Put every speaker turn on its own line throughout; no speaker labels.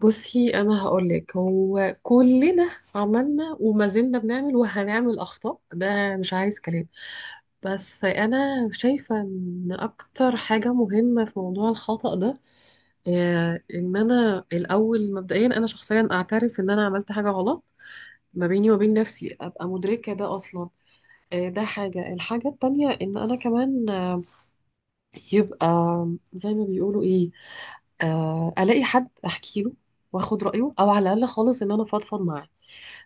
بصي، انا هقولك، هو كلنا عملنا وما زلنا بنعمل وهنعمل اخطاء، ده مش عايز كلام. بس انا شايفه ان اكتر حاجه مهمه في موضوع الخطأ ده، ان انا الاول مبدئيا انا شخصيا اعترف ان انا عملت حاجه غلط ما بيني وبين نفسي، ابقى مدركه ده اصلا. ده حاجه، الحاجه التانية ان انا كمان، يبقى زي ما بيقولوا ايه، الاقي حد احكي له واخد رايه، او على الاقل خالص ان انا فضفض معاه.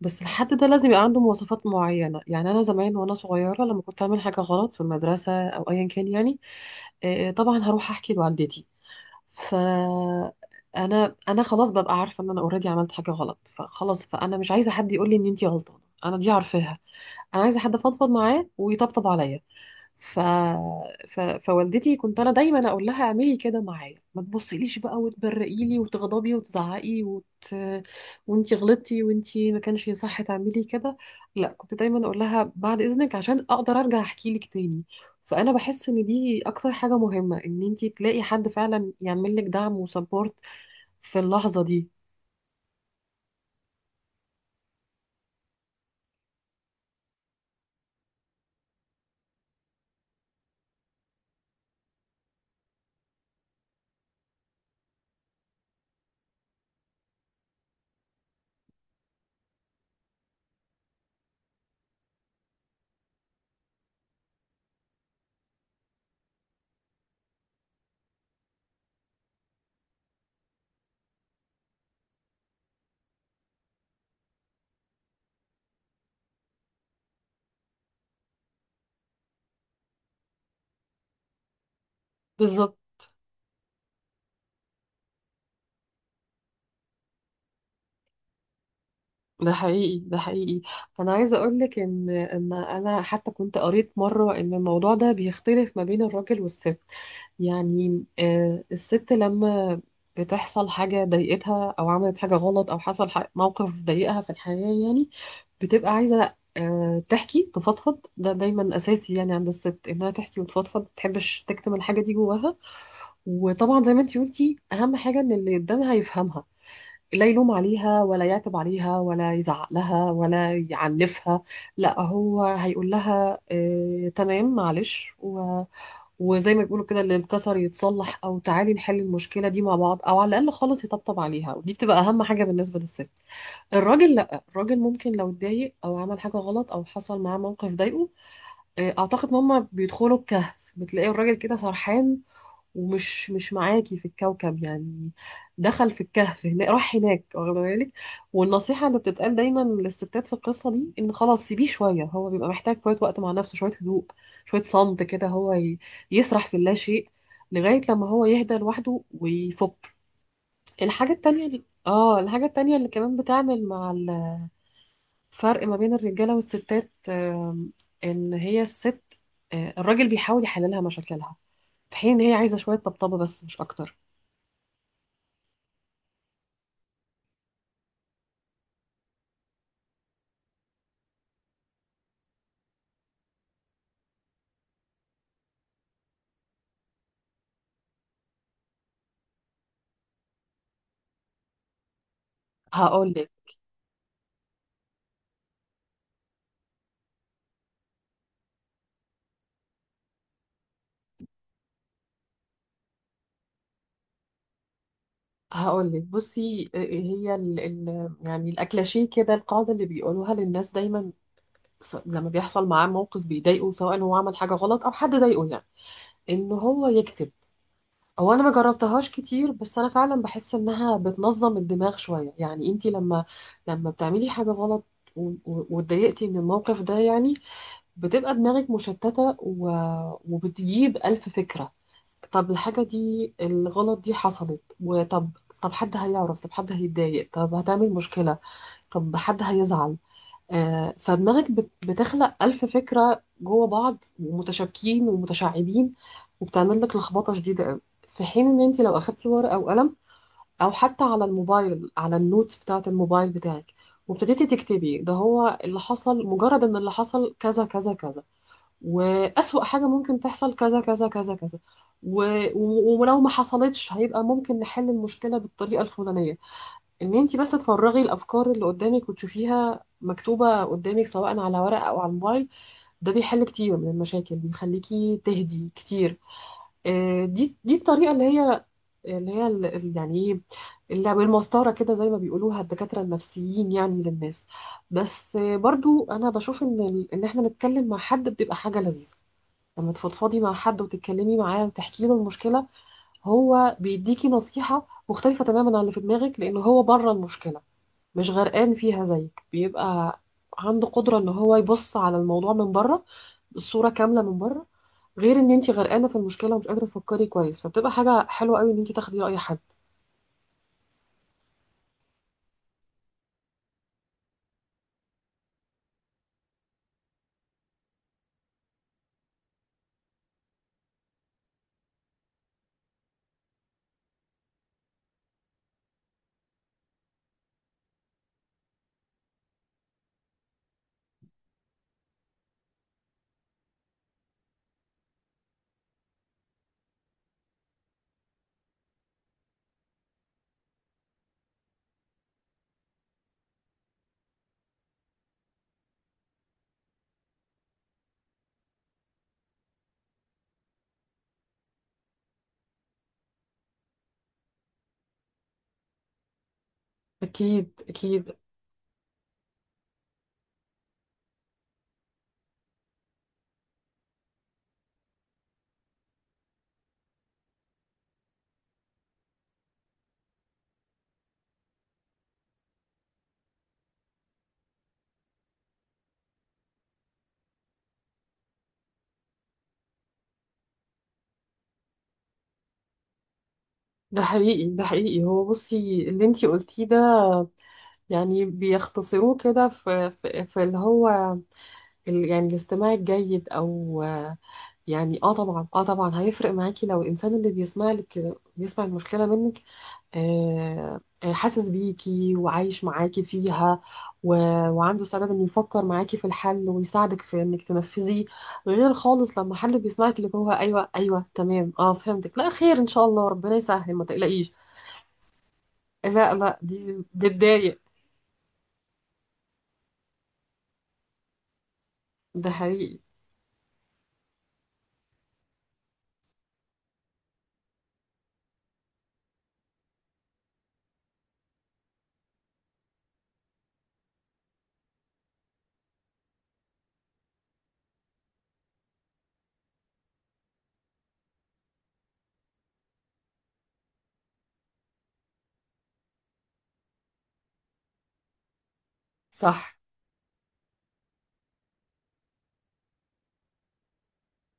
بس الحد ده لازم يبقى عنده مواصفات معينه. يعني انا زمان وانا صغيره لما كنت اعمل حاجه غلط في المدرسه او ايا كان، يعني طبعا هروح احكي لوالدتي، ف انا خلاص ببقى عارفه ان انا اوريدي عملت حاجه غلط، فخلاص، فانا مش عايزه حد يقول لي ان انتي غلطانه، انا دي عارفاها. انا عايزه حد افضفض معاه ويطبطب عليا. ف... فوالدتي كنت انا دايما اقول لها، اعملي كده معايا، ما تبصيليش بقى وتبرقي لي وتغضبي وتزعقي وانتي غلطتي وانتي ما كانش يصح تعملي كده، لا، كنت دايما اقول لها بعد اذنك عشان اقدر ارجع احكي لك تاني. فانا بحس ان دي اكتر حاجة مهمة، ان انتي تلاقي حد فعلا يعمل لك دعم وسبورت في اللحظة دي. بالظبط. ده حقيقي، ده حقيقي. انا عايزه اقول لك ان انا حتى كنت قريت مره ان الموضوع ده بيختلف ما بين الراجل والست. يعني الست لما بتحصل حاجه ضايقتها او عملت حاجه غلط او حصل موقف ضايقها في الحياه، يعني بتبقى عايزه تحكي تفضفض. ده دايما اساسي يعني عند الست انها تحكي وتفضفض، ما تحبش تكتم الحاجه دي جواها. وطبعا زي ما انتي قلتي، اهم حاجه ان اللي قدامها يفهمها، لا يلوم عليها ولا يعتب عليها ولا يزعق لها ولا يعنفها. لا، هو هيقول لها آه تمام معلش، وزي ما بيقولوا كده، اللي انكسر يتصلح، او تعالي نحل المشكله دي مع بعض، او على الاقل خالص يطبطب عليها. ودي بتبقى اهم حاجه بالنسبه للست. الراجل لا، الراجل ممكن لو اتضايق او عمل حاجه غلط او حصل معاه موقف ضايقه، آه، اعتقد ان هم بيدخلوا الكهف. بتلاقي الراجل كده سرحان ومش مش معاكي في الكوكب يعني، دخل في الكهف، هنا راح هناك، واخده بالك. والنصيحة اللي بتتقال دايما للستات في القصة دي، ان خلاص سيبيه شوية، هو بيبقى محتاج شوية وقت مع نفسه، شوية هدوء، شوية صمت كده، يسرح في اللا شيء لغاية لما هو يهدى لوحده ويفك. الحاجة التانية الحاجة التانية اللي كمان بتعمل مع الفرق ما بين الرجالة والستات، ان هي الست، الراجل بيحاول يحللها مشاكلها في حين ان هي عايزة شوية طبطبة بس مش اكتر. هقول لك هقول لك بصي، هي ال يعني الاكلاشيه كده، القاعده اللي بيقولوها للناس دايما، لما بيحصل معاه موقف بيضايقه، سواء هو عمل حاجه غلط او حد ضايقه، يعني ان هو يكتب. هو انا ما جربتهاش كتير، بس انا فعلا بحس انها بتنظم الدماغ شويه. يعني انت لما، لما بتعملي حاجه غلط واتضايقتي من الموقف ده، يعني بتبقى دماغك مشتته، وبتجيب الف فكره. طب الحاجة دي، الغلط دي حصلت، وطب، طب حد هيعرف، طب حد هيتضايق، طب هتعمل مشكلة، طب حد هيزعل. آه، فدماغك بتخلق ألف فكرة جوه بعض ومتشابكين ومتشعبين، وبتعمل لك لخبطة شديدة قوي. في حين ان انت لو اخدتي ورقة وقلم، او حتى على الموبايل، على النوت بتاعة الموبايل بتاعك، وابتديتي تكتبي ده هو اللي حصل، مجرد ان اللي حصل كذا كذا كذا، وأسوأ حاجة ممكن تحصل كذا كذا كذا كذا، و... ولو ما حصلتش هيبقى ممكن نحل المشكلة بالطريقة الفلانية. ان انت بس تفرغي الأفكار اللي قدامك وتشوفيها مكتوبة قدامك، سواء على ورق أو على الموبايل، ده بيحل كتير من المشاكل، بيخليكي تهدي كتير. دي الطريقة اللي هي يعني ايه، اللي بالمسطرة كده زي ما بيقولوها الدكاترة النفسيين يعني للناس. بس برضو أنا بشوف إن إن إحنا نتكلم مع حد بتبقى حاجة لذيذة. لما تفضفضي مع حد وتتكلمي معاه وتحكي له المشكله، هو بيديكي نصيحه مختلفه تماما عن اللي في دماغك، لان هو بره المشكله، مش غرقان فيها زيك، بيبقى عنده قدره ان هو يبص على الموضوع من بره، الصوره كامله من بره، غير ان انت غرقانه في المشكله ومش قادره تفكري كويس. فبتبقى حاجه حلوه قوي ان انت تاخدي راي حد. اكيد اكيد. ده حقيقي، ده حقيقي. هو بصي اللي انت قلتيه ده، يعني بيختصروه كده في اللي هو يعني الاستماع الجيد. او يعني اه طبعا، اه طبعا هيفرق معاكي لو الانسان اللي بيسمع لك بيسمع المشكله منك، حاسس بيكي وعايش معاكي فيها، و... وعنده استعداد انه يفكر معاكي في الحل ويساعدك في انك تنفذيه. غير خالص لما حد بيسمعك، اللي هو ايوه ايوه تمام اه فهمتك لا خير ان شاء الله ربنا يسهل ما تقلقيش، لا لا، دي بتضايق. ده حقيقي. صح.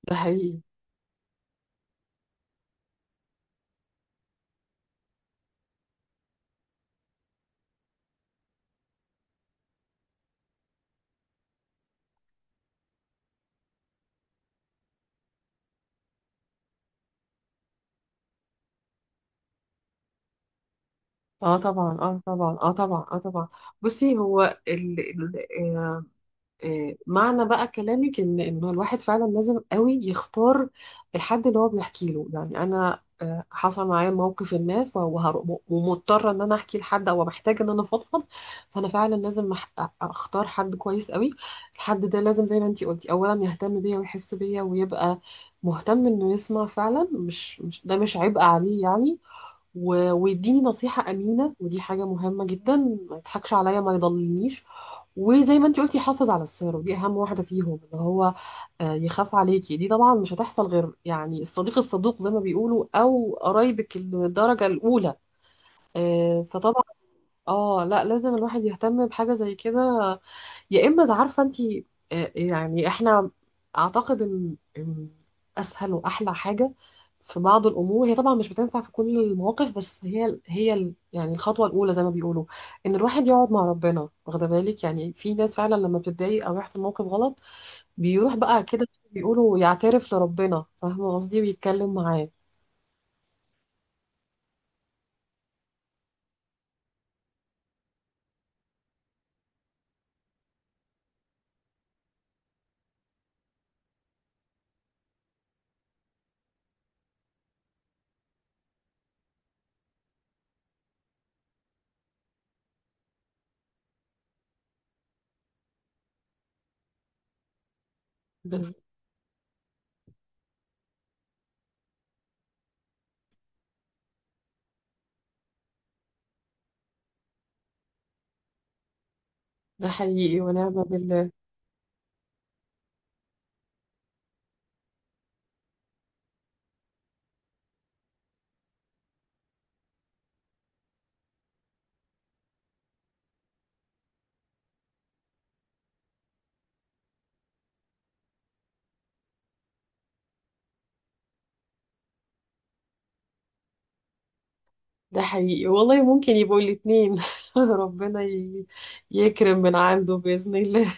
ده حقيقي. اه طبعا، اه طبعا، اه طبعا، اه طبعا. بصي، هو ال... ال... آه، آه، معنى بقى كلامك ان انه الواحد فعلا لازم قوي يختار الحد اللي هو بيحكي له. يعني انا حصل معايا موقف ما، ومضطره ان انا احكي لحد، او محتاجه ان انا افضفض، فانا فعلا لازم اختار حد كويس قوي. الحد ده لازم زي ما انتي قلتي، اولا يهتم بيا ويحس بيا ويبقى مهتم انه يسمع فعلا، مش مش عبء عليه يعني. ويديني نصيحة أمينة، ودي حاجة مهمة جدا، ما يضحكش عليا، ما يضللنيش. وزي ما انت قلتي، يحافظ على السر، ودي أهم واحدة فيهم، اللي هو يخاف عليكي. دي طبعا مش هتحصل غير يعني الصديق الصدوق زي ما بيقولوا، أو قرايبك الدرجة الأولى. فطبعا اه، لا لازم الواحد يهتم بحاجة زي كده، يا اما إذا عارفه انت، يعني احنا اعتقد ان اسهل واحلى حاجه في بعض الامور، هي طبعا مش بتنفع في كل المواقف، بس هي يعني الخطوه الاولى زي ما بيقولوا، ان الواحد يقعد مع ربنا. واخده بالك، يعني في ناس فعلا لما بتتضايق او يحصل موقف غلط، بيروح بقى كده زي ما بيقولوا يعترف لربنا، فاهمه قصدي، ويتكلم معاه. بس. ده حقيقي ونعم بالله. ده حقيقي والله، ممكن يبقوا الاتنين ربنا يكرم من عنده بإذن الله.